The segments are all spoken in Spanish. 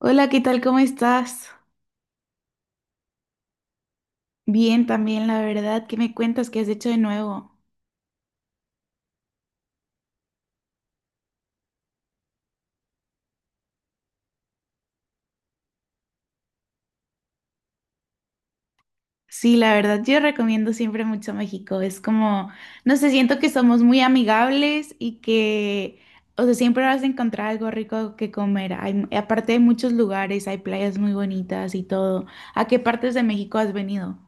Hola, ¿qué tal? ¿Cómo estás? Bien, también, la verdad. ¿Qué me cuentas? ¿Qué has hecho de nuevo? Sí, la verdad, yo recomiendo siempre mucho México. Es como, no sé, siento que somos muy amigables y que, o sea, siempre vas a encontrar algo rico que comer. Hay, aparte hay muchos lugares, hay playas muy bonitas y todo. ¿A qué partes de México has venido?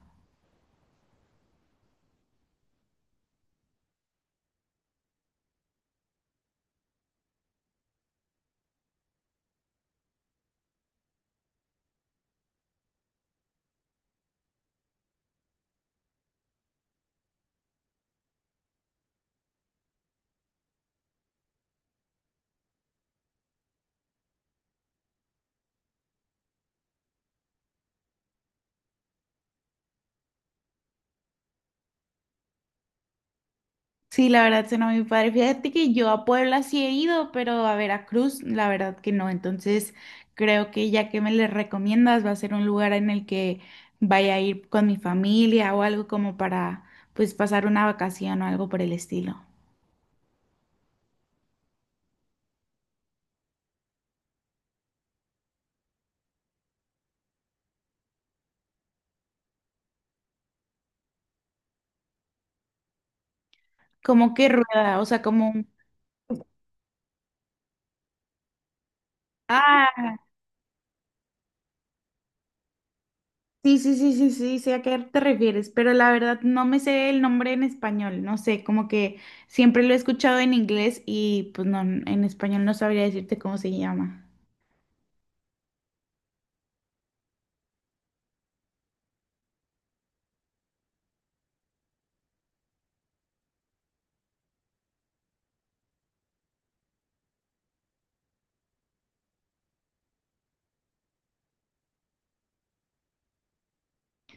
Sí, la verdad suena muy padre. Fíjate que yo a Puebla sí he ido, pero a Veracruz, la verdad que no. Entonces, creo que ya que me le recomiendas, va a ser un lugar en el que vaya a ir con mi familia o algo como para, pues, pasar una vacación o algo por el estilo. Como que rueda, o sea, como un... Ah, sí, sí, sí, sí, sí, sé a qué te refieres, pero la verdad no me sé el nombre en español, no sé, como que siempre lo he escuchado en inglés y pues no, en español no sabría decirte cómo se llama.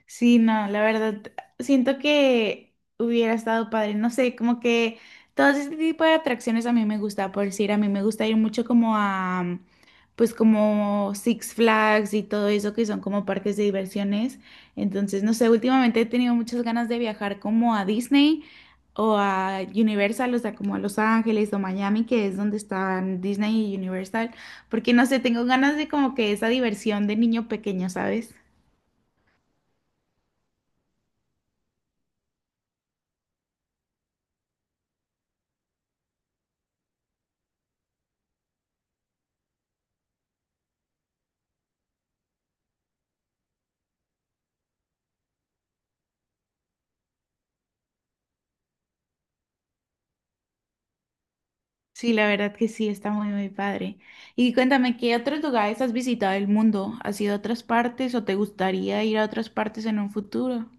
Sí, no, la verdad, siento que hubiera estado padre, no sé, como que todo este tipo de atracciones a mí me gusta, por decir, a mí me gusta ir mucho como a, pues como Six Flags y todo eso que son como parques de diversiones, entonces, no sé, últimamente he tenido muchas ganas de viajar como a Disney o a Universal, o sea, como a Los Ángeles o Miami, que es donde están Disney y Universal, porque no sé, tengo ganas de como que esa diversión de niño pequeño, ¿sabes? Sí, la verdad que sí, está muy, muy padre. Y cuéntame, ¿qué otros lugares has visitado del mundo? ¿Has ido a otras partes o te gustaría ir a otras partes en un futuro?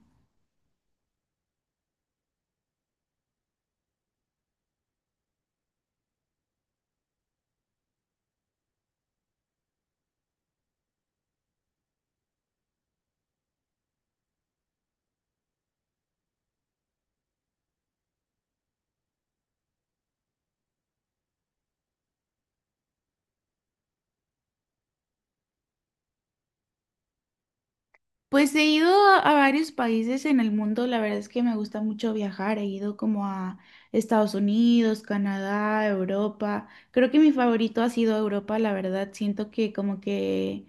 Pues he ido a varios países en el mundo, la verdad es que me gusta mucho viajar, he ido como a Estados Unidos, Canadá, Europa. Creo que mi favorito ha sido Europa, la verdad, siento que como que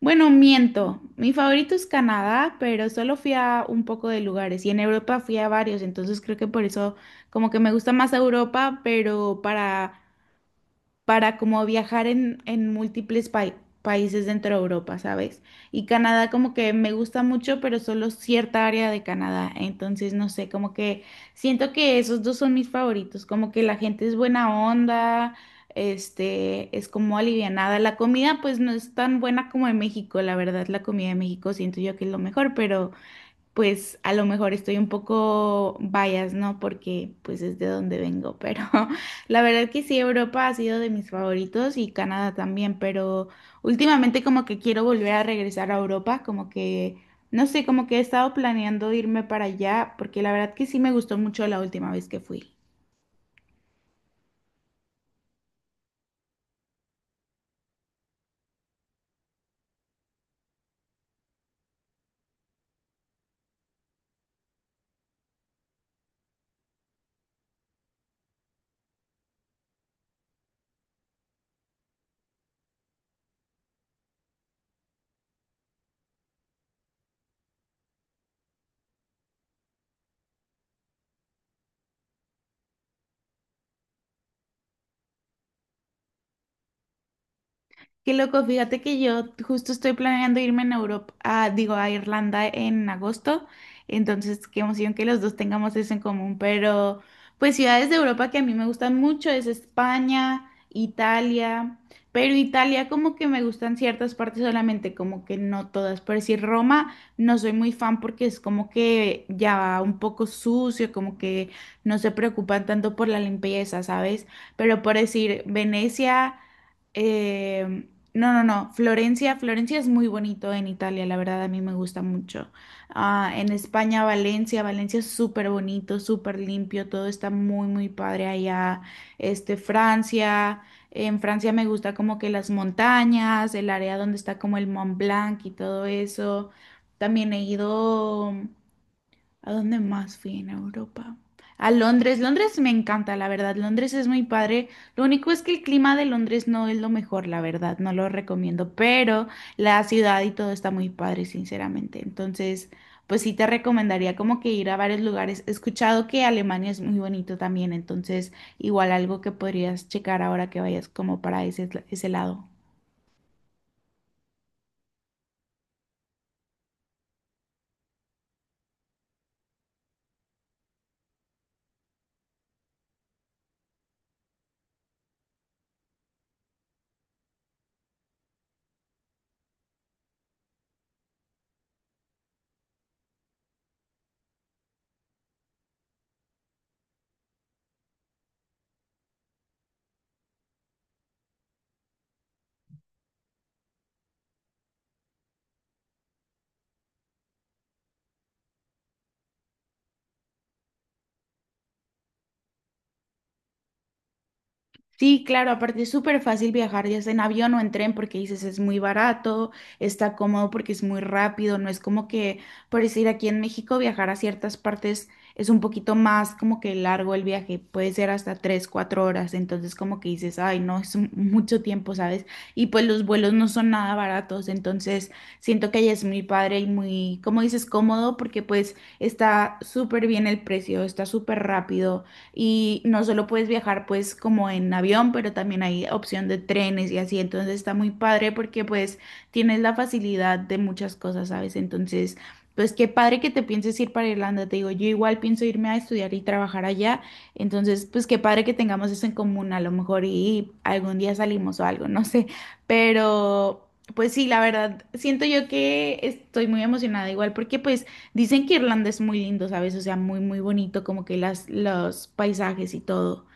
bueno, miento. Mi favorito es Canadá, pero solo fui a un poco de lugares y en Europa fui a varios, entonces creo que por eso como que me gusta más Europa, pero para como viajar en múltiples países dentro de Europa, ¿sabes? Y Canadá como que me gusta mucho, pero solo cierta área de Canadá. Entonces, no sé, como que siento que esos dos son mis favoritos, como que la gente es buena onda, este, es como alivianada. La comida pues no es tan buena como en México, la verdad, la comida de México siento yo que es lo mejor, pero pues a lo mejor estoy un poco bias, ¿no? Porque pues es de donde vengo, pero la verdad que sí, Europa ha sido de mis favoritos y Canadá también, pero últimamente como que quiero volver a regresar a Europa, como que, no sé, como que he estado planeando irme para allá, porque la verdad que sí me gustó mucho la última vez que fui. Qué loco, fíjate que yo justo estoy planeando irme en Europa, digo, a Irlanda en agosto, entonces qué emoción que los dos tengamos eso en común, pero pues ciudades de Europa que a mí me gustan mucho es España, Italia, pero Italia como que me gustan ciertas partes solamente, como que no todas, por decir Roma no soy muy fan porque es como que ya un poco sucio, como que no se preocupan tanto por la limpieza, ¿sabes? Pero por decir Venecia... em, no, no, no. Florencia, Florencia es muy bonito en Italia, la verdad a mí me gusta mucho. Ah, en España, Valencia, Valencia es súper bonito, súper limpio, todo está muy, muy padre allá. Este, Francia, en Francia me gusta como que las montañas, el área donde está como el Mont Blanc y todo eso. También he ido. ¿A dónde más fui en Europa? A Londres. Londres me encanta, la verdad. Londres es muy padre. Lo único es que el clima de Londres no es lo mejor, la verdad. No lo recomiendo, pero la ciudad y todo está muy padre, sinceramente. Entonces, pues sí te recomendaría como que ir a varios lugares. He escuchado que Alemania es muy bonito también, entonces igual algo que podrías checar ahora que vayas como para ese, ese lado. Sí, claro, aparte es súper fácil viajar ya sea en avión o en tren porque dices es muy barato, está cómodo porque es muy rápido, no es como que, por decir, aquí en México viajar a ciertas partes es un poquito más como que largo el viaje, puede ser hasta tres, cuatro horas, entonces como que dices, ay, no, es mucho tiempo, ¿sabes? Y pues los vuelos no son nada baratos, entonces siento que allá es muy padre y muy, como dices, cómodo porque pues está súper bien el precio, está súper rápido y no solo puedes viajar pues como en avión, pero también hay opción de trenes y así, entonces está muy padre porque pues tienes la facilidad de muchas cosas, ¿sabes? Entonces, pues qué padre que te pienses ir para Irlanda, te digo, yo igual pienso irme a estudiar y trabajar allá, entonces pues qué padre que tengamos eso en común, a lo mejor y algún día salimos o algo, no sé, pero... Pues sí, la verdad, siento yo que estoy muy emocionada igual porque pues dicen que Irlanda es muy lindo, ¿sabes? O sea, muy, muy bonito, como que las, los paisajes y todo.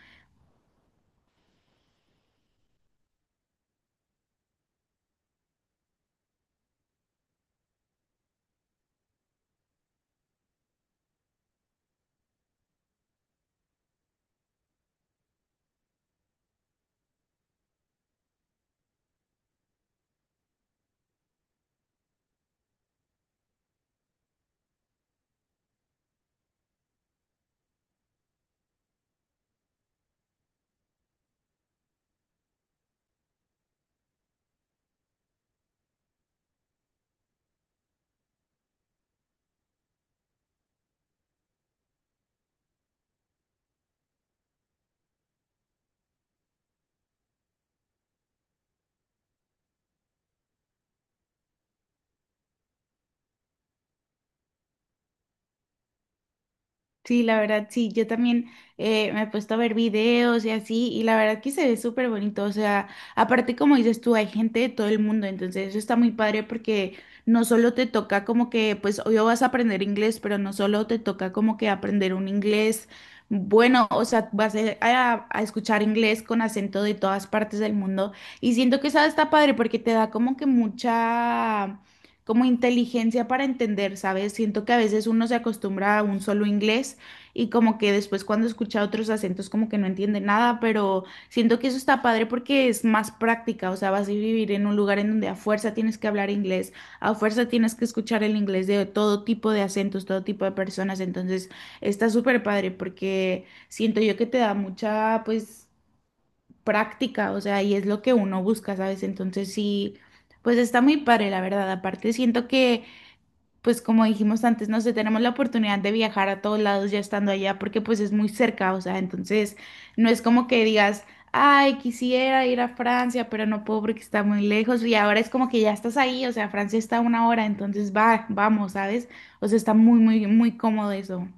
Sí, la verdad, sí, yo también me he puesto a ver videos y así, y la verdad que se ve súper bonito, o sea, aparte como dices tú, hay gente de todo el mundo, entonces eso está muy padre porque no solo te toca como que, pues hoy vas a aprender inglés, pero no solo te toca como que aprender un inglés bueno, o sea, vas a, a escuchar inglés con acento de todas partes del mundo, y siento que eso está padre porque te da como que mucha como inteligencia para entender, ¿sabes? Siento que a veces uno se acostumbra a un solo inglés y como que después cuando escucha otros acentos como que no entiende nada, pero siento que eso está padre porque es más práctica, o sea, vas a vivir en un lugar en donde a fuerza tienes que hablar inglés, a fuerza tienes que escuchar el inglés de todo tipo de acentos, todo tipo de personas, entonces está súper padre porque siento yo que te da mucha, pues práctica, o sea, y es lo que uno busca, ¿sabes? Entonces sí, pues está muy padre, la verdad. Aparte, siento que, pues como dijimos antes, no sé, tenemos la oportunidad de viajar a todos lados ya estando allá, porque pues es muy cerca, o sea, entonces no es como que digas, ay, quisiera ir a Francia, pero no puedo porque está muy lejos, y ahora es como que ya estás ahí, o sea, Francia está a una hora, entonces va, vamos, ¿sabes? O sea, está muy, muy, muy cómodo eso.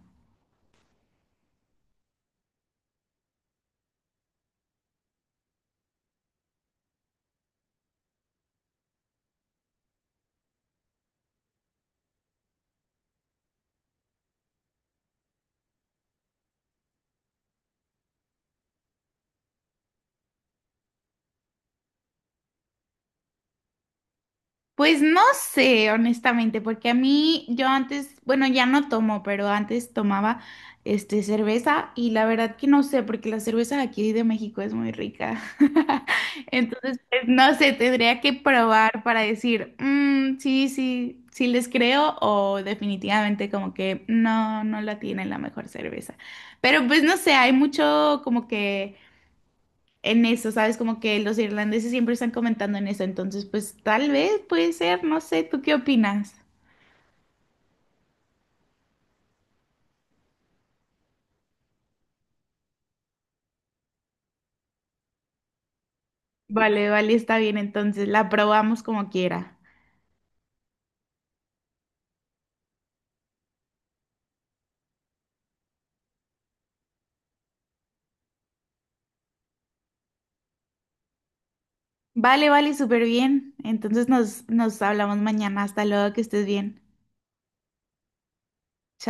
Pues no sé, honestamente, porque a mí yo antes, bueno, ya no tomo, pero antes tomaba este cerveza y la verdad que no sé, porque la cerveza de aquí de México es muy rica. Entonces, pues, no sé, tendría que probar para decir, "Mm, sí, sí, sí les creo o definitivamente como que no, no la tienen la mejor cerveza". Pero pues no sé, hay mucho como que en eso, ¿sabes? Como que los irlandeses siempre están comentando en eso, entonces pues tal vez puede ser, no sé, ¿tú qué opinas? Vale, vale, está bien, entonces la probamos como quiera. Vale, vale, súper bien. Entonces nos hablamos mañana. Hasta luego, que estés bien. Chao.